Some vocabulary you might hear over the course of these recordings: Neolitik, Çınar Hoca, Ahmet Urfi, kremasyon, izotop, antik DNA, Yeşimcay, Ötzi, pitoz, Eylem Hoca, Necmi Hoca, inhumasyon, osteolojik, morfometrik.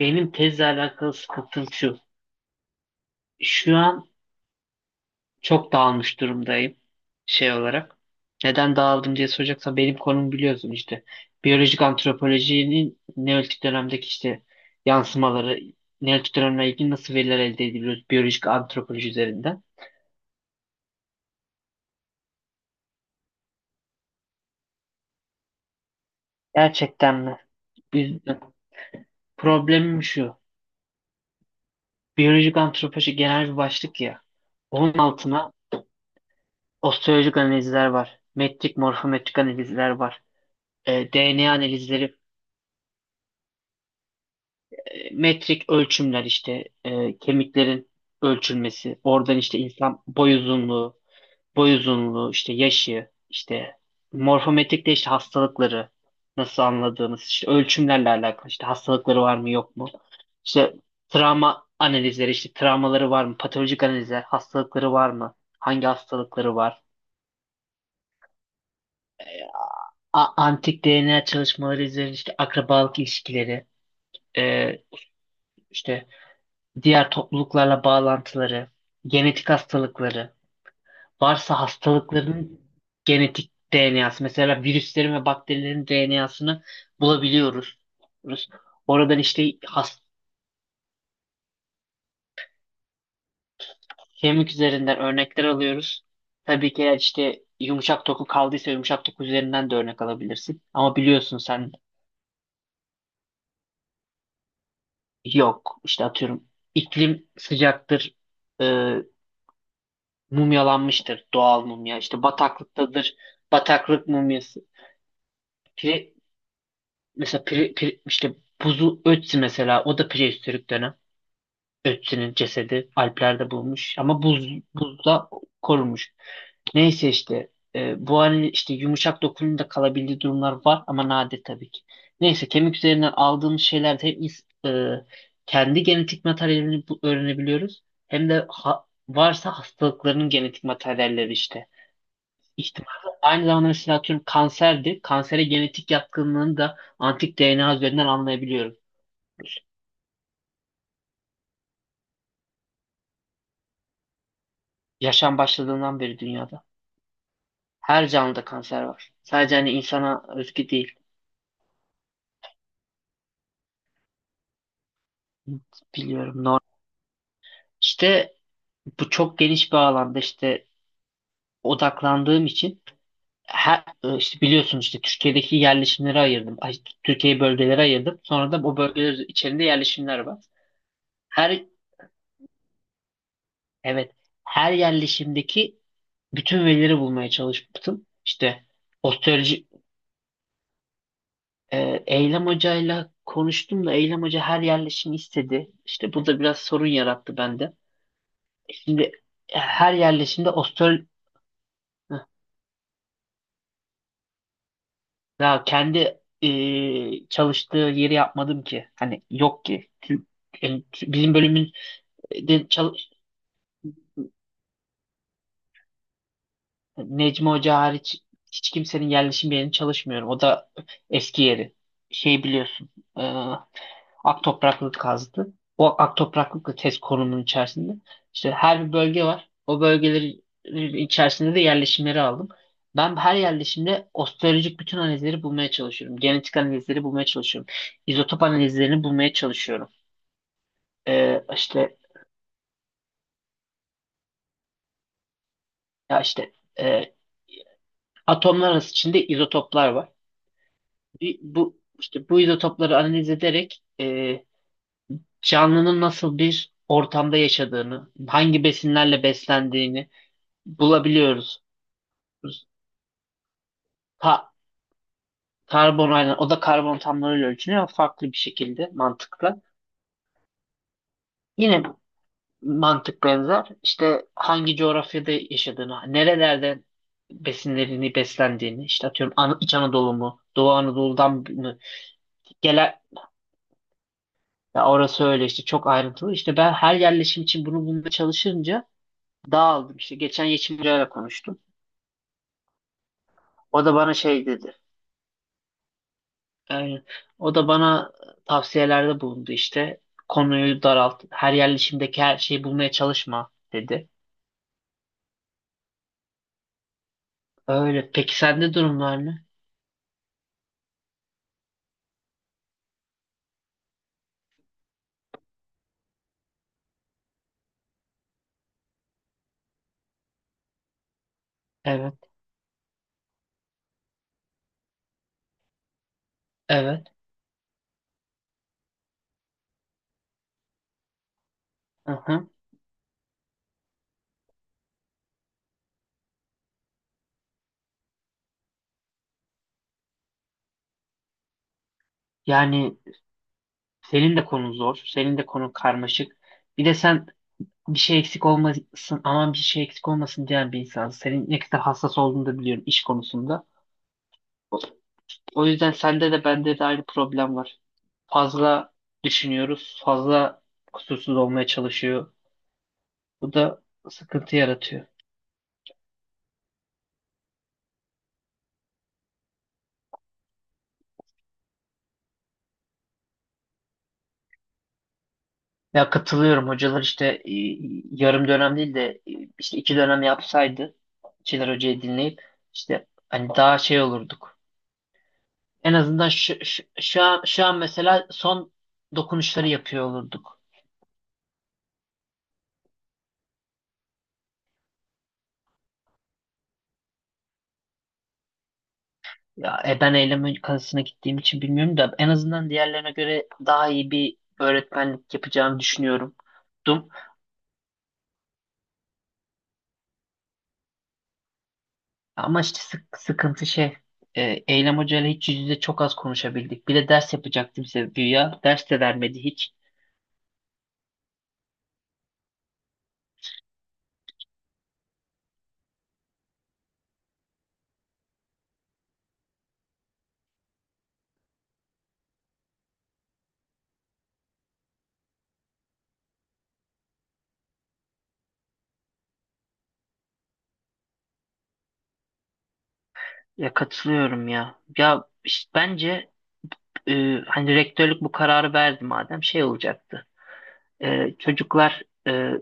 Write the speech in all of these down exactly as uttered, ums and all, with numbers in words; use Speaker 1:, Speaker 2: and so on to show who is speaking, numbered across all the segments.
Speaker 1: Benim tezle alakalı sıkıntım şu. Şu an çok dağılmış durumdayım şey olarak. Neden dağıldım diye soracaksan benim konum biliyorsun işte. Biyolojik antropolojinin Neolitik dönemdeki işte yansımaları, Neolitik dönemle ilgili nasıl veriler elde ediliyoruz biyolojik antropoloji üzerinden. Gerçekten mi? Biz, Problemim şu. Biyolojik antropoloji genel bir başlık ya. Onun altına osteolojik analizler var. Metrik, morfometrik analizler var. E, D N A analizleri metrik ölçümler işte e, kemiklerin ölçülmesi. Oradan işte insan boy uzunluğu, boy uzunluğu, işte yaşı, işte morfometrik de işte hastalıkları nasıl anladığımız, işte ölçümlerle alakalı işte hastalıkları var mı yok mu? İşte travma analizleri, işte travmaları var mı? Patolojik analizler, hastalıkları var mı? Hangi hastalıkları var? A- Antik D N A çalışmaları üzerine işte akrabalık ilişkileri, e, işte diğer topluluklarla bağlantıları, genetik hastalıkları, varsa hastalıkların genetik D N A'sı, mesela virüslerin ve bakterilerin D N A'sını bulabiliyoruz. Oradan işte has- kemik üzerinden örnekler alıyoruz. Tabii ki eğer işte yumuşak doku kaldıysa yumuşak doku üzerinden de örnek alabilirsin. Ama biliyorsun sen yok işte atıyorum iklim sıcaktır, e, mumyalanmıştır doğal mumya. İşte bataklıktadır, bataklık mumyası. Pire- Mesela pre, pre- işte buzu Ötzi mesela o da prehistorik dönem. Ötzi'nin cesedi Alplerde bulunmuş ama buz buzda korunmuş. Neyse işte e, bu halde işte yumuşak dokunumda kalabildiği durumlar var ama nadir tabii ki. Neyse kemik üzerinden aldığımız şeylerde hem ins- e, kendi genetik materyalini bu- öğrenebiliyoruz hem de ha- varsa hastalıkların genetik materyalleri işte ihtimali. Aynı zamanda mesela atıyorum kanserdi. Kansere genetik yatkınlığını da antik D N A üzerinden anlayabiliyoruz. Yaşam başladığından beri dünyada. Her canlıda kanser var. Sadece hani insana özgü değil. Biliyorum. Normal. İşte bu çok geniş bir alanda işte odaklandığım için her, e, işte biliyorsun işte Türkiye'deki yerleşimleri ayırdım. Ay, Türkiye'yi bölgelere ayırdım. Sonra da o bölgeler içerisinde yerleşimler var. Her evet her yerleşimdeki bütün verileri bulmaya çalıştım. İşte osteoloji e, Eylem Hoca'yla konuştum da Eylem Hoca her yerleşimi istedi. İşte bu da biraz sorun yarattı bende. Şimdi e, her yerleşimde osteol ya kendi e, çalıştığı yeri yapmadım ki. Hani yok ki. Tüm- yani tüm- Bizim bölümün de çalış Necmi Hoca hariç hiç kimsenin yerleşim yerini çalışmıyorum. O da eski yeri. Şey biliyorsun. e, Ak topraklık kazdı. O ak topraklıkla test konumunun içerisinde işte her bir bölge var. O bölgelerin içerisinde de yerleşimleri aldım. Ben her yerleşimde osteolojik bütün analizleri bulmaya çalışıyorum. Genetik analizleri bulmaya çalışıyorum. İzotop analizlerini bulmaya çalışıyorum. Ee, işte ya işte e, atomlar arası içinde izotoplar var. Bir- Bu işte bu izotopları analiz ederek e, canlının nasıl bir ortamda yaşadığını, hangi besinlerle beslendiğini bulabiliyoruz. Ta- Karbon aynen o da karbon atomlarıyla ölçülüyor ama farklı bir şekilde mantıkla. Yine mantık benzer. İşte hangi coğrafyada yaşadığını, nerelerde besinlerini beslendiğini, işte atıyorum An İç Anadolu mu, Doğu Anadolu'dan mı gelen ya orası öyle işte çok ayrıntılı. İşte ben her yerleşim için bunu bulmaya çalışınca dağıldım. İşte geçen Yeşimcay'la konuştum. O da bana şey dedi. Aynen. O da bana tavsiyelerde bulundu işte. Konuyu daralt, her yerleşimdeki her şeyi bulmaya çalışma dedi. Öyle. Peki sende durumlar ne? Evet, evet. Aha. Yani senin de konun zor, senin de konun karmaşık. Bir de sen bir şey eksik olmasın, aman bir şey eksik olmasın diyen bir insansın. Senin ne kadar hassas olduğunu da biliyorum iş konusunda. O, O yüzden sende de bende de aynı problem var. Fazla düşünüyoruz, fazla kusursuz olmaya çalışıyor. Bu da sıkıntı yaratıyor. Ya katılıyorum hocalar işte e, yarım dönem değil de e, işte iki dönem yapsaydı Çınar Hoca'yı dinleyip işte hani daha şey olurduk. En azından şu, şu, şu an, şu an mesela son dokunuşları yapıyor olurduk. Ya e, ben Eylem kazasına gittiğim için bilmiyorum da en azından diğerlerine göre daha iyi bir öğretmenlik yapacağımı düşünüyorum. Ama işte sık, sıkıntı şey. e, Eylem Hoca ile hiç yüz yüze çok az konuşabildik. Bir de ders yapacaktım bize güya. Ders de vermedi hiç. Ya katılıyorum ya. Ya işte bence e, hani rektörlük bu kararı verdi madem şey olacaktı. E, çocuklar e,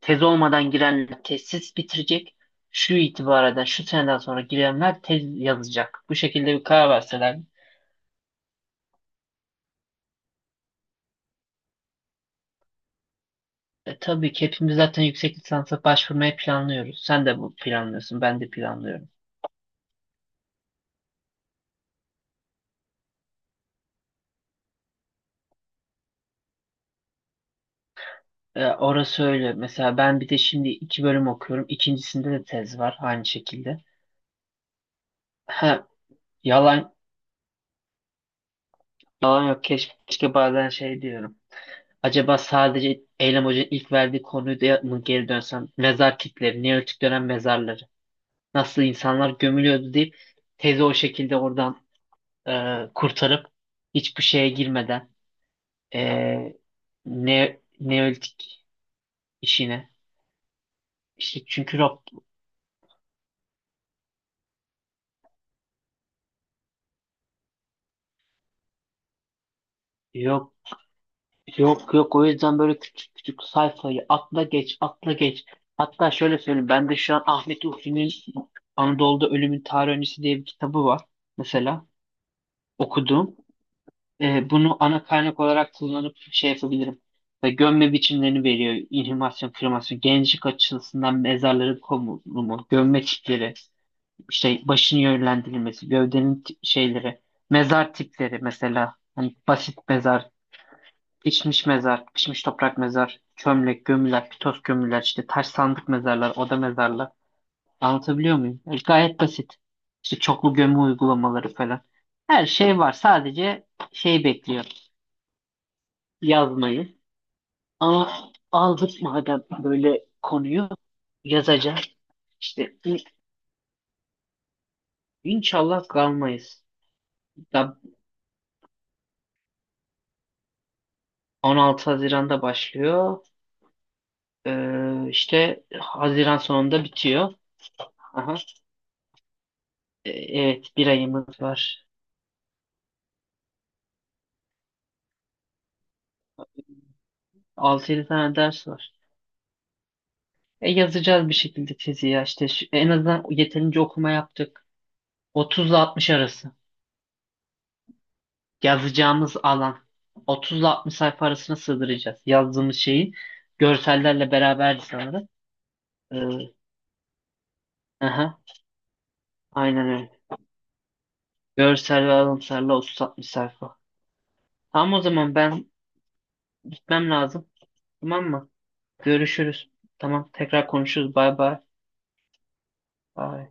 Speaker 1: tez olmadan girenler tezsiz bitirecek. Şu itibareden şu seneden sonra girenler tez yazacak. Bu şekilde bir karar verseler. E, tabii ki hepimiz zaten yüksek lisansa başvurmayı planlıyoruz. Sen de bu planlıyorsun, ben de planlıyorum. E, orası öyle. Mesela ben bir de şimdi iki bölüm okuyorum. İkincisinde de tez var aynı şekilde. Ha, yalan yalan yok. Keşke, keşke bazen şey diyorum. Acaba sadece Eylem Hoca'nın ilk verdiği konuyu da mı geri dönsem? Mezar kitleri, Neolitik dönem mezarları. Nasıl insanlar gömülüyordu deyip tezi o şekilde oradan e, kurtarıp hiçbir şeye girmeden e, ne, Neolitik işine. İşte çünkü Rob, yok Yok yok, o yüzden böyle küçük küçük sayfayı atla geç atla geç. Hatta şöyle söyleyeyim ben de şu an Ahmet Urfi'nin Anadolu'da Ölümün Tarih Öncesi diye bir kitabı var mesela okudum. Ee, bunu ana kaynak olarak kullanıp şey yapabilirim. Ve gömme biçimlerini veriyor. İnhumasyon, kremasyon, gençlik açısından mezarların konulumu, gömme tipleri, işte başın yönlendirilmesi, gövdenin ti- şeyleri, mezar tipleri mesela. Hani basit mezar, pişmiş mezar, pişmiş toprak mezar, çömlek, gömüler, pitoz gömüler, işte taş sandık mezarlar, oda mezarlar. Anlatabiliyor muyum? E, Gayet basit. İşte çoklu gömü uygulamaları falan. Her şey var. Sadece şey bekliyor. Yazmayı. Ama aldık madem böyle konuyu yazacağız. İşte in- inşallah kalmayız. Da on altı Haziran'da başlıyor. Ee, işte Haziran sonunda bitiyor. Aha. E, Evet, bir ayımız var. altı yedi tane ders var. E yazacağız bir şekilde tezi ya işte şu- en azından yeterince okuma yaptık. otuz ile altmış arası yazacağımız alan otuz ile altmış sayfa arasına sığdıracağız. Yazdığımız şeyi görsellerle beraberdi sanırım. Ee, aha, aynen öyle. Görsel ve alıntılarla otuz altmış sayfa. Tamam o zaman ben gitmem lazım. Tamam mı? Görüşürüz. Tamam tekrar konuşuruz. Bay bay. Bay.